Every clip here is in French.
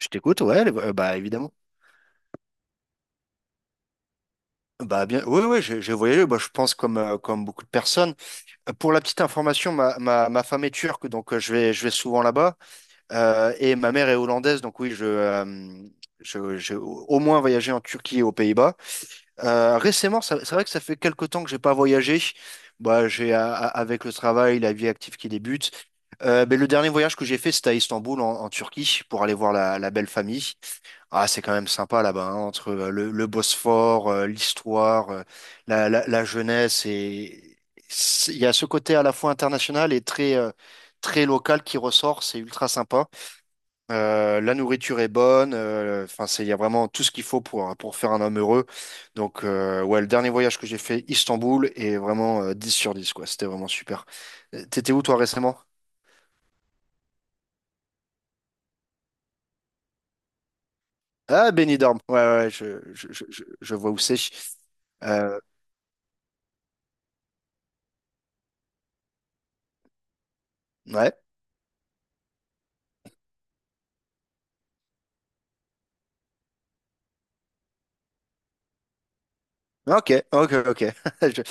Je t'écoute, ouais, bah évidemment. Bah bien, oui, oui, j'ai voyagé. Bah, je pense comme beaucoup de personnes. Pour la petite information, ma femme est turque, donc je vais souvent là-bas. Et ma mère est hollandaise, donc oui, je j'ai au moins voyagé en Turquie et aux Pays-Bas. Récemment, c'est vrai que ça fait quelque temps que j'ai pas voyagé. Bah avec le travail, la vie active qui débute. Mais le dernier voyage que j'ai fait, c'était à Istanbul en Turquie pour aller voir la belle famille. Ah, c'est quand même sympa là-bas, hein, entre le Bosphore, l'histoire, la jeunesse. Et il y a ce côté à la fois international et très local qui ressort. C'est ultra sympa. La nourriture est bonne. Enfin, il y a vraiment tout ce qu'il faut pour faire un homme heureux. Donc, ouais, le dernier voyage que j'ai fait, Istanbul, est vraiment 10 sur 10 quoi. C'était vraiment super. T'étais où, toi, récemment? Ah, Benidorm. Ouais, ouais, ouais, je vois où c'est. Euh, ouais. Ah, ok, ok, ok. Je-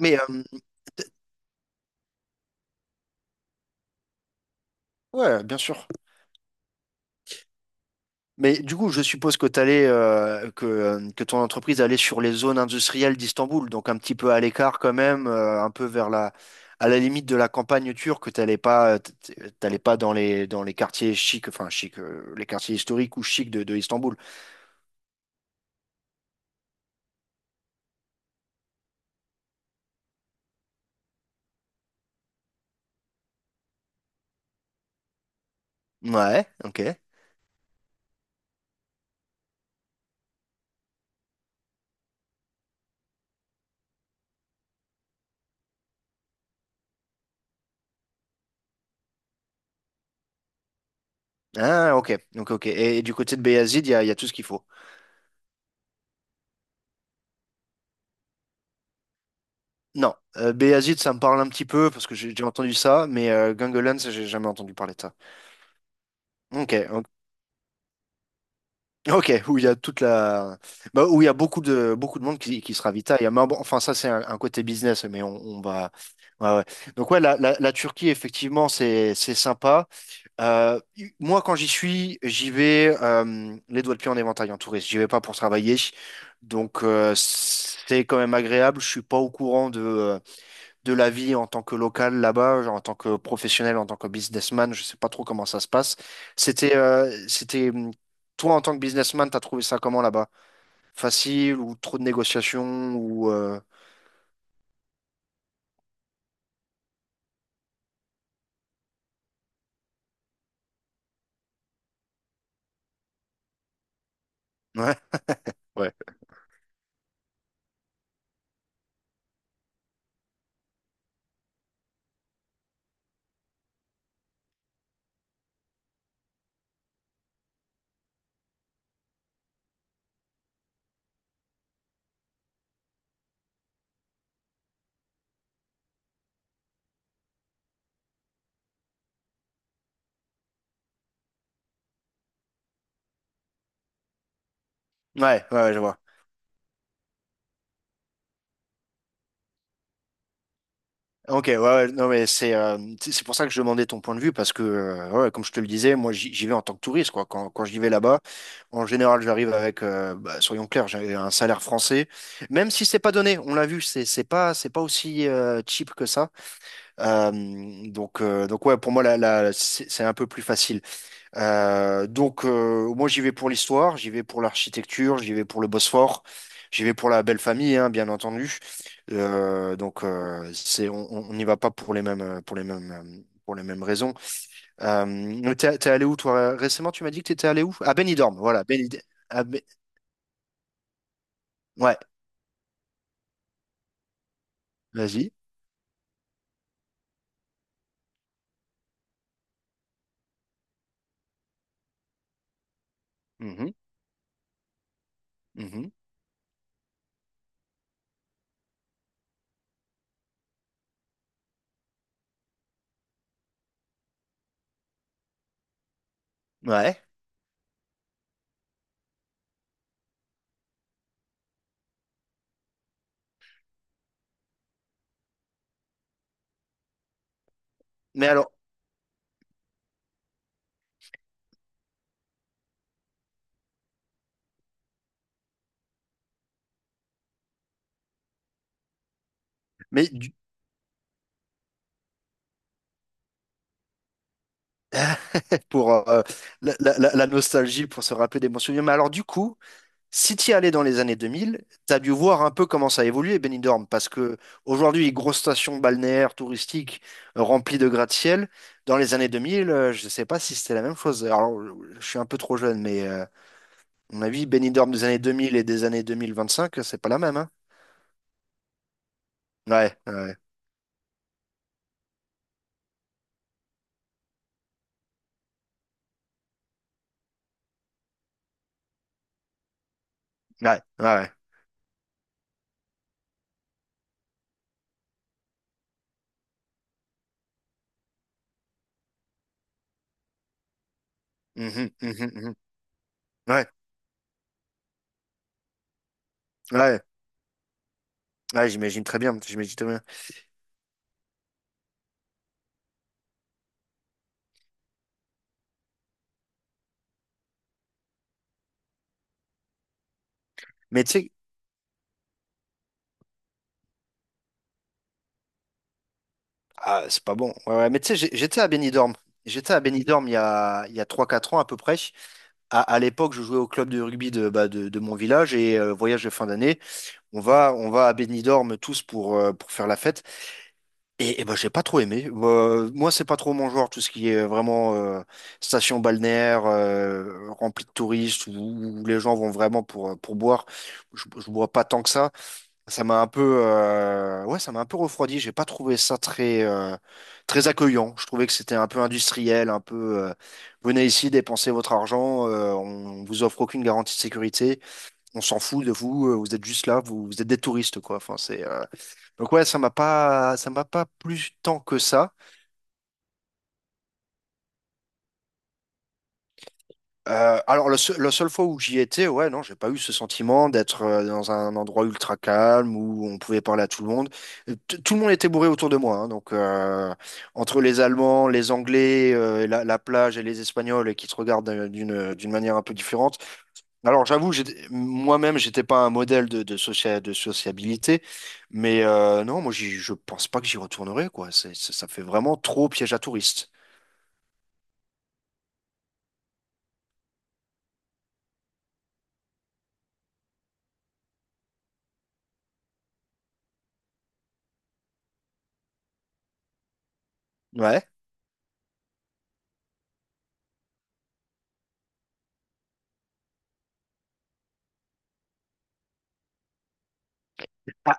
Mais t- ouais, bien sûr. Mais du coup, je suppose que que ton entreprise allait sur les zones industrielles d'Istanbul, donc un petit peu à l'écart quand même, un peu à la limite de la campagne turque. T'allais pas, dans les quartiers chics, enfin chics, les quartiers historiques ou chics de Istanbul. Ouais, ok. Ah, ok, donc ok. Et du côté de Beyazid, il y a tout ce qu'il faut. Non, Beyazid, ça me parle un petit peu parce que j'ai entendu ça, mais Göngölen, ça, j'ai jamais entendu parler de ça. Ok, ok, ok, où il y a bah, où il y a beaucoup de monde qui se ravitaille. Mais bon, enfin ça c'est un côté business, mais on va, ouais, ouais. Donc ouais, la Turquie effectivement c'est sympa. Euh, Moi quand j'y suis, j'y vais les doigts de pied en éventail en touriste. J'y vais pas pour travailler, donc c'est quand même agréable. Je suis pas au courant de la vie en tant que local là-bas, genre en tant que professionnel, en tant que businessman, je sais pas trop comment ça se passe. C'était, euh, c'était, hum, Toi en tant que businessman, t'as trouvé ça comment là-bas? Facile ou trop de négociations ou ouais, ouais, ouais, ouais, je vois. Ok, ouais, ouais, non mais c'est pour ça que je demandais ton point de vue parce que ouais, comme je te le disais, moi j'y vais en tant que touriste quoi. Quand j'y vais là-bas, en général j'arrive avec, bah, soyons clairs, j'ai un salaire français, même si c'est pas donné. On l'a vu, c'est pas aussi cheap que ça. Euh, donc ouais, pour moi, c'est un peu plus facile. Moi, j'y vais pour l'histoire, j'y vais pour l'architecture, j'y vais pour le Bosphore, j'y vais pour la belle famille, hein, bien entendu. C'est, on n'y va pas pour les mêmes, pour les mêmes, pour les mêmes raisons. T'es allé où, toi, récemment? Tu m'as dit que t'étais allé où? À Benidorm, voilà. À Be- Ouais, vas-y. Mhm, mhm. Ouais. Mais alors, mais du, pour la nostalgie, pour se rappeler des bons souvenirs. Mais alors, du coup, si tu y allais dans les années 2000, tu as dû voir un peu comment ça a évolué, Benidorm, parce que aujourd'hui, grosse station balnéaire touristique remplie de gratte-ciel. Dans les années 2000, je ne sais pas si c'était la même chose. Alors, je suis un peu trop jeune, mais à mon avis, Benidorm des années 2000 et des années 2025 c'est pas la même, hein? Ouais, ouais, ouais, ouais. Ouais, mhm, mhm, mhm. Ouais, ouais, ouais, j'imagine très bien, j'imagine très bien. Mais tu sais, ah, c'est pas bon. Ouais, ouais. Mais tu sais, j'étais à Benidorm. J'étais à Benidorm il y a 3 4 ans à peu près. À l'époque, je jouais au club de rugby bah, de mon village et voyage de fin d'année. On va à Benidorm tous pour faire la fête. Et bah, j'ai pas trop aimé. Moi, c'est pas trop mon genre, tout ce qui est vraiment station balnéaire, remplie de touristes, où les gens vont vraiment pour boire. Je bois pas tant que ça. Ouais, ça m'a un peu refroidi. J'ai pas trouvé ça très accueillant. Je trouvais que c'était un peu industriel, un peu, venez ici, dépensez votre argent, on vous offre aucune garantie de sécurité, on s'en fout de vous, vous êtes juste là, vous êtes des touristes, quoi. Enfin, donc ouais, ça m'a pas plu tant que ça. Alors, la seule fois où j'y étais, ouais, non, j'ai pas eu ce sentiment d'être dans un endroit ultra calme où on pouvait parler à tout le monde. Tout le monde était bourré autour de moi, hein, donc entre les Allemands, les Anglais, la plage et les Espagnols qui te regardent d'une manière un peu différente. Alors, j'avoue, moi-même, j'étais pas un modèle de sociabilité, mais non, moi, je pense pas que j'y retournerai, quoi. Ça fait vraiment trop piège à touristes. Ouais. Ah,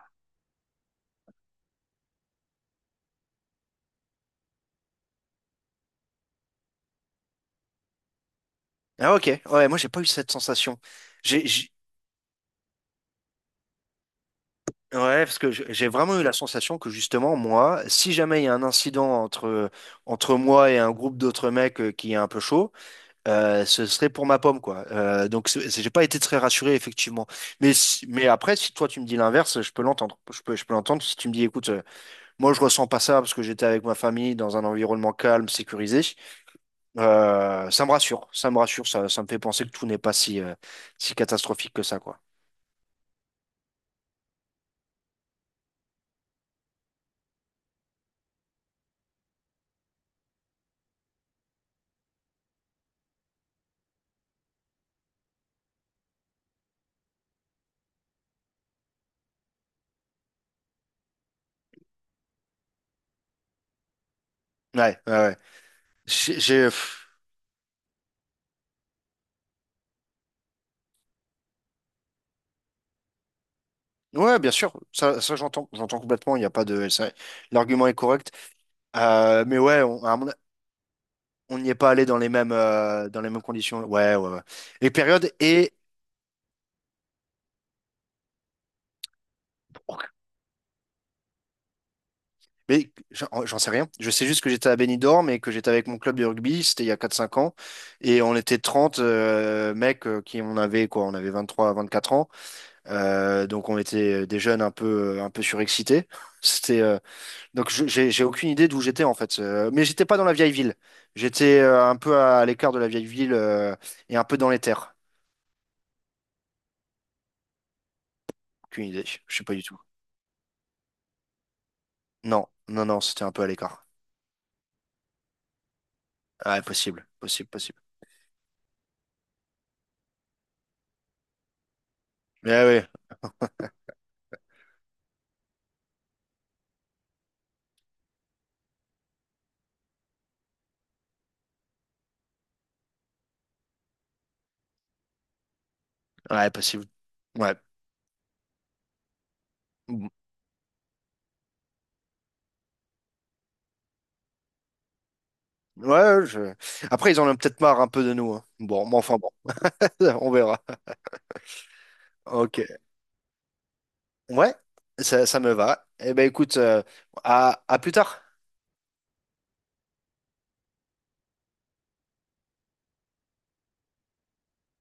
ah, ok. Ouais, moi, j'ai pas eu cette sensation. J'ai Ouais, parce que j'ai vraiment eu la sensation que justement, moi, si jamais il y a un incident entre moi et un groupe d'autres mecs qui est un peu chaud, ce serait pour ma pomme, quoi. Donc, j'ai pas été très rassuré, effectivement. Mais après, si toi, tu me dis l'inverse, je peux l'entendre. Je peux l'entendre si tu me dis, écoute, moi, je ressens pas ça parce que j'étais avec ma famille dans un environnement calme, sécurisé. Ça me rassure, ça me rassure, ça me fait penser que tout n'est pas si catastrophique que ça, quoi. Ouais, ouais, ouais. J'ai, j'ai- Ouais, bien sûr, ça j'entends, j'entends complètement. Il y a pas de, ça- L'argument est correct. Mais ouais, on n'y est pas allé dans les mêmes conditions. Ouais, ouais, ouais. Les périodes et, mais j'en sais rien. Je sais juste que j'étais à Benidorm et que j'étais avec mon club de rugby. C'était il y a 4 5 ans et on était 30 mecs qui on avait quoi, on avait 23 24 ans. Donc on était des jeunes un peu surexcités. C'était, euh, Donc j'ai aucune idée d'où j'étais en fait. Mais j'étais pas dans la vieille ville. J'étais un peu à l'écart de la vieille ville et un peu dans les terres. Aucune idée. Je sais pas du tout. Non, non, non, c'était un peu à l'écart. Ouais, possible, possible, possible. Mais ah ouais, ouais, possible. Ouais. Mm. Ouais, je... Après, ils en ont peut-être marre un peu de nous, hein. Bon, mais enfin bon, on verra. Ok. Ouais, ça me va. Eh ben écoute, à plus tard.